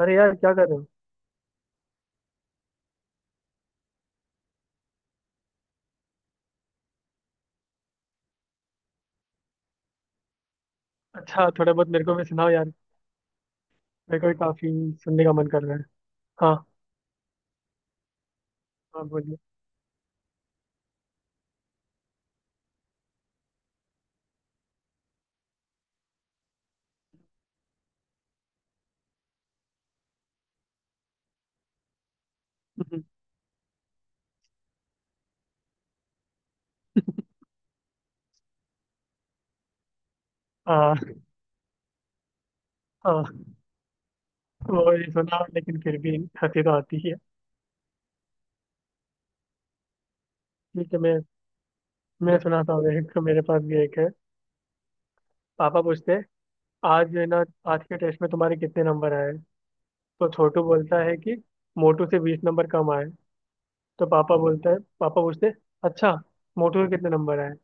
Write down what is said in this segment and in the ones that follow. अरे यार, क्या कर रहे हो? अच्छा, थोड़ा बहुत मेरे को भी सुनाओ यार। मेरे को भी काफी सुनने का मन कर रहा है। हाँ, हाँ, बोलिए। हम्म, हाँ, हाँ। वो ही सुना, लेकिन फिर भी हंसी तो आती ही है। ठीक है, मैं सुनाता हूँ, एक मेरे पास भी एक है। पापा पूछते हैं, आज जो है ना, आज के टेस्ट में तुम्हारे कितने नंबर आए हैं?" तो छोटू बोलता है कि मोटू से 20 नंबर कम आए। तो पापा बोलता है पापा पूछते हैं, अच्छा, मोटू के कितने नंबर आए?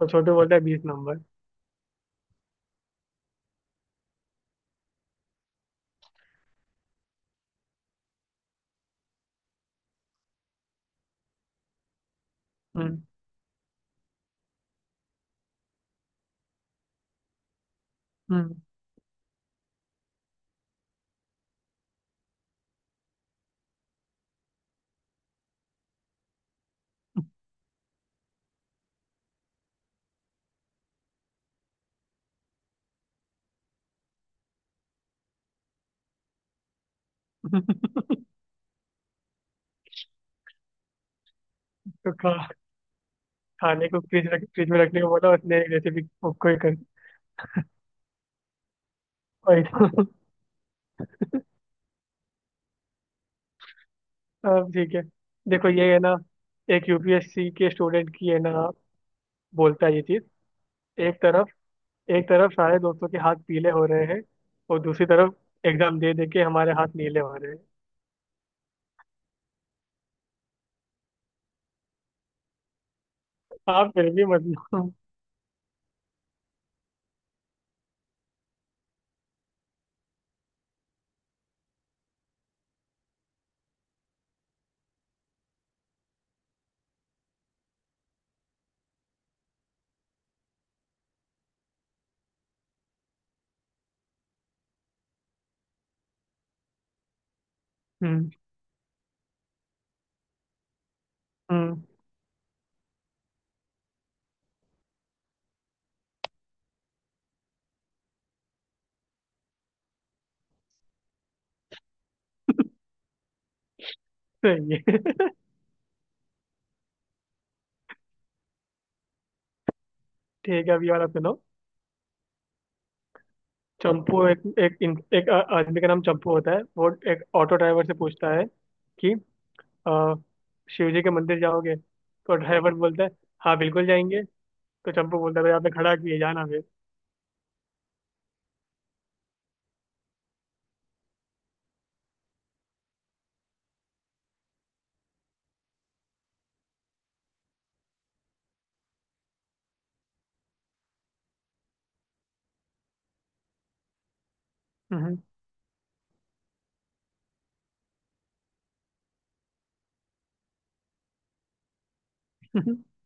तो छोटू बोलता है, 20 नंबर। हम्म, हम्म। तो का खाने को फ्रिज में रखने को बोला उसने, एक रेसिपी कोई कर। वही। तो अब ठीक है, देखो ये है ना, एक यूपीएससी के स्टूडेंट की है ना, बोलता है ये चीज। एक तरफ एक तरफ सारे दोस्तों के हाथ पीले हो रहे हैं, और दूसरी तरफ एग्जाम दे दे के हमारे हाथ नीले हो रहे हैं। आप फिर भी, मतलब। हम्म, हम्म। सही है। ठीक है, अब ये वाला सुनो। चंपू एक एक एक आदमी का नाम चंपू होता है, वो एक ऑटो ड्राइवर से पूछता है कि अ, शिव जी के मंदिर जाओगे? तो ड्राइवर बोलता है, हाँ बिल्कुल जाएंगे। तो चंपू बोलता है, "भाई, आपने खड़ा किए जाना फिर।" हम्म।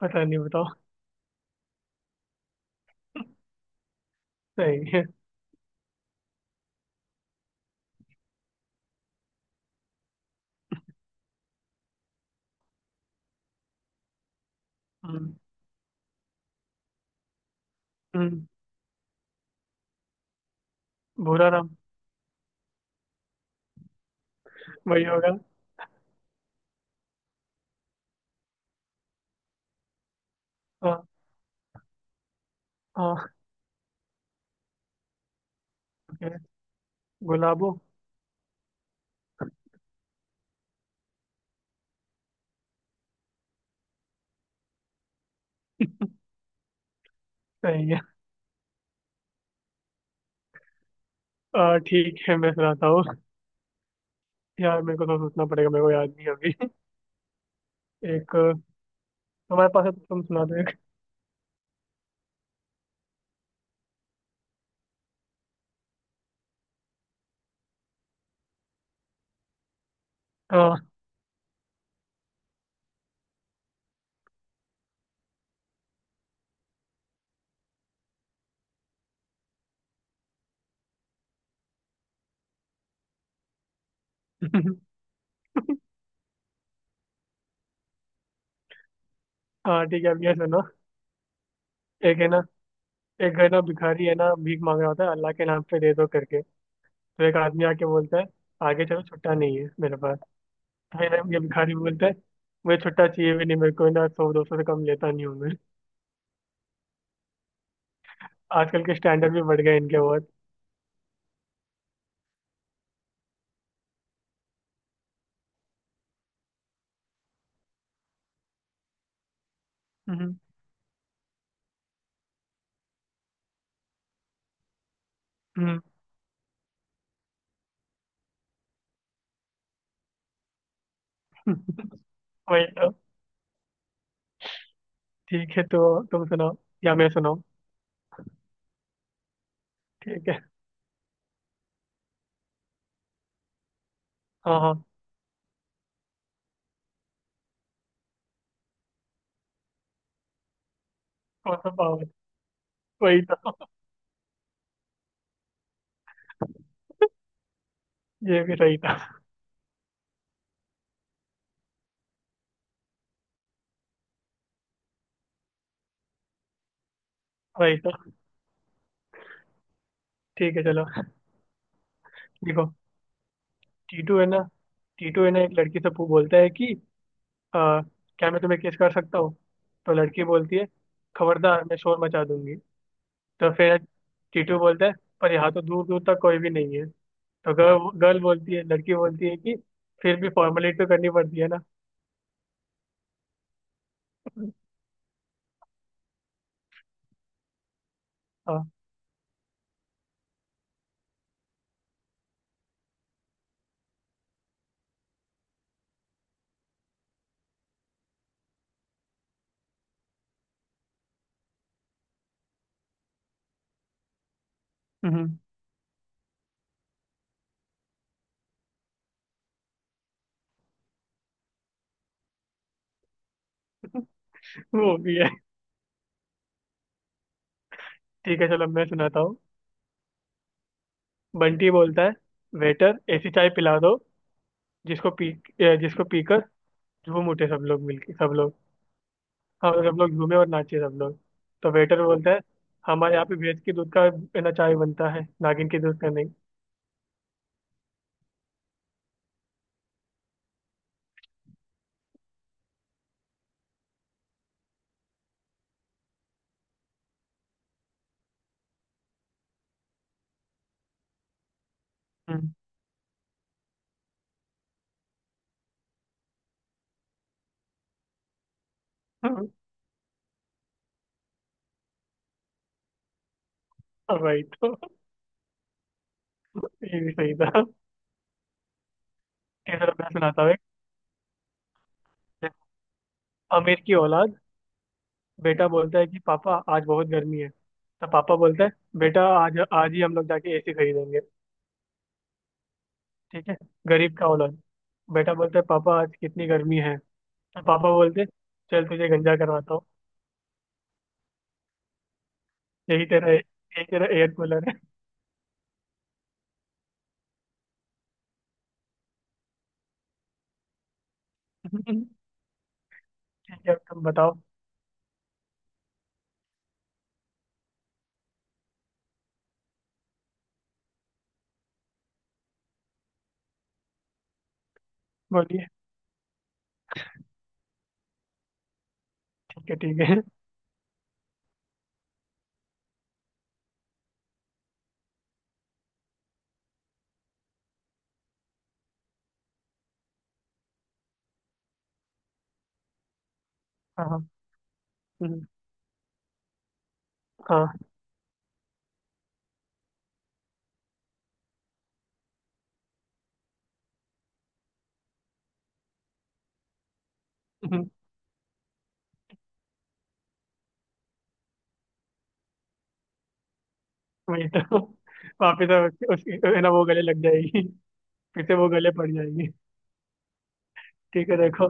पता नहीं, बताओ। सही है। हम्म, हम्म। भूरा रंग, वही होगा। हाँ, हाँ। Okay, गुलाबो। सही है। ठीक है, मैं सुनाता हूँ। यार मेरे को तो सोचना पड़ेगा, मेरे को याद नहीं अभी। एक तुम्हारे पास है तो तुम सुना दो एक। हाँ। हाँ, ठीक है, अब ये सुनो। एक है ना, एक है ना भिखारी है ना, भीख मांग रहा होता है, अल्लाह के नाम पे दे दो करके। तो एक आदमी आके बोलता है, आगे चलो, छुट्टा नहीं है मेरे पास। फिर ये भिखारी बोलता है, मुझे छुट्टा चाहिए भी नहीं, मेरे को ना 100 200 से कम लेता नहीं हूँ मैं। आजकल के स्टैंडर्ड भी बढ़ गए इनके बहुत। हम्म, हम्म। वही तो। ठीक है, तो तुम सुनाओ या मैं सुनाऊँ। ठीक है। हाँ, हाँ। कौन सा पाव है? वही तो। ये भी सही था। वही तो। ठीक है, चलो देखो, टीटू है ना, एक लड़की से बोलता है कि आ, क्या मैं तुम्हें किस कर सकता हूँ? तो लड़की बोलती है, खबरदार, मैं शोर मचा दूंगी। तो फिर टीटू बोलता है, पर यहाँ तो दूर दूर तक कोई भी नहीं है। तो गर्ल गर्ल बोलती है लड़की बोलती है कि फिर भी फॉर्मेलिटी तो करनी पड़ती है ना। हाँ, हम्म। वो भी है। ठीक है, चलो मैं सुनाता हूँ। बंटी बोलता है, वेटर, ऐसी चाय पिला दो, जिसको पी जिसको पीकर झूम उठे सब लोग, मिलके सब लोग। हाँ, मतलब सब लोग झूमे और नाचे सब लोग। तो वेटर बोलता है, हमारे यहाँ पे भैंस के दूध का है ना चाय बनता है, नागिन के दूध का नहीं। हम्म। हाँ, भाई, तो ये भी सही था। ठीक है, चलो मैं सुनाता हूँ। एक। अमीर की औलाद। बेटा बोलता है कि पापा आज बहुत गर्मी है, तो पापा बोलता है, बेटा, आज आज ही हम लोग जाके एसी खरीदेंगे। ठीक है, गरीब का औलाद। बेटा बोलता है, पापा आज कितनी गर्मी है। तो पापा बोलते, चल तुझे गंजा करवाता हूँ, यही तेरा एयर कूलर है। ठीक है, अब तुम बताओ। बोलिए। ठीक है, ठीक है। हाँ, हाँ। हम्म, हाँ, हम्म। वही तो। वापिस, अब उसकी उसकी- है ना वो गले लग जाएगी, फिर से वो गले पड़ जाएगी। ठीक है, देखो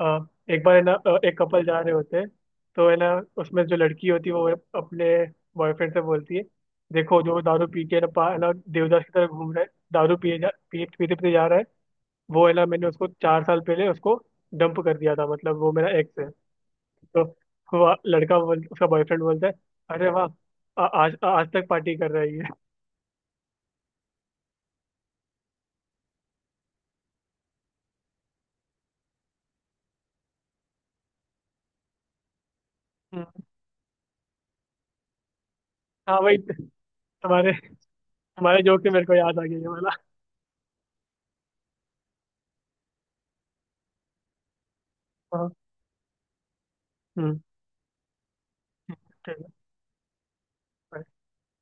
अ, एक बार है ना, एक कपल जा रहे होते हैं, तो है ना, उसमें जो लड़की होती है वो अपने बॉयफ्रेंड से बोलती है, देखो जो दारू पी के है ना है ना, देवदास की तरह घूम रहा है, दारू पिए जा पिए पीते पीते जा रहा है, वो है ना, मैंने उसको 4 साल पहले उसको डंप कर दिया था, मतलब वो मेरा एक्स है। तो वो लड़का बोल उसका बॉयफ्रेंड बोलता है, अरे वाह, आज आज तक पार्टी कर रही है। हम्म, हाँ भाई, तुम्हारे तुम्हारे जोक से मेरे को याद आ गया ये वाला। हाँ, हम्म। ठीक है।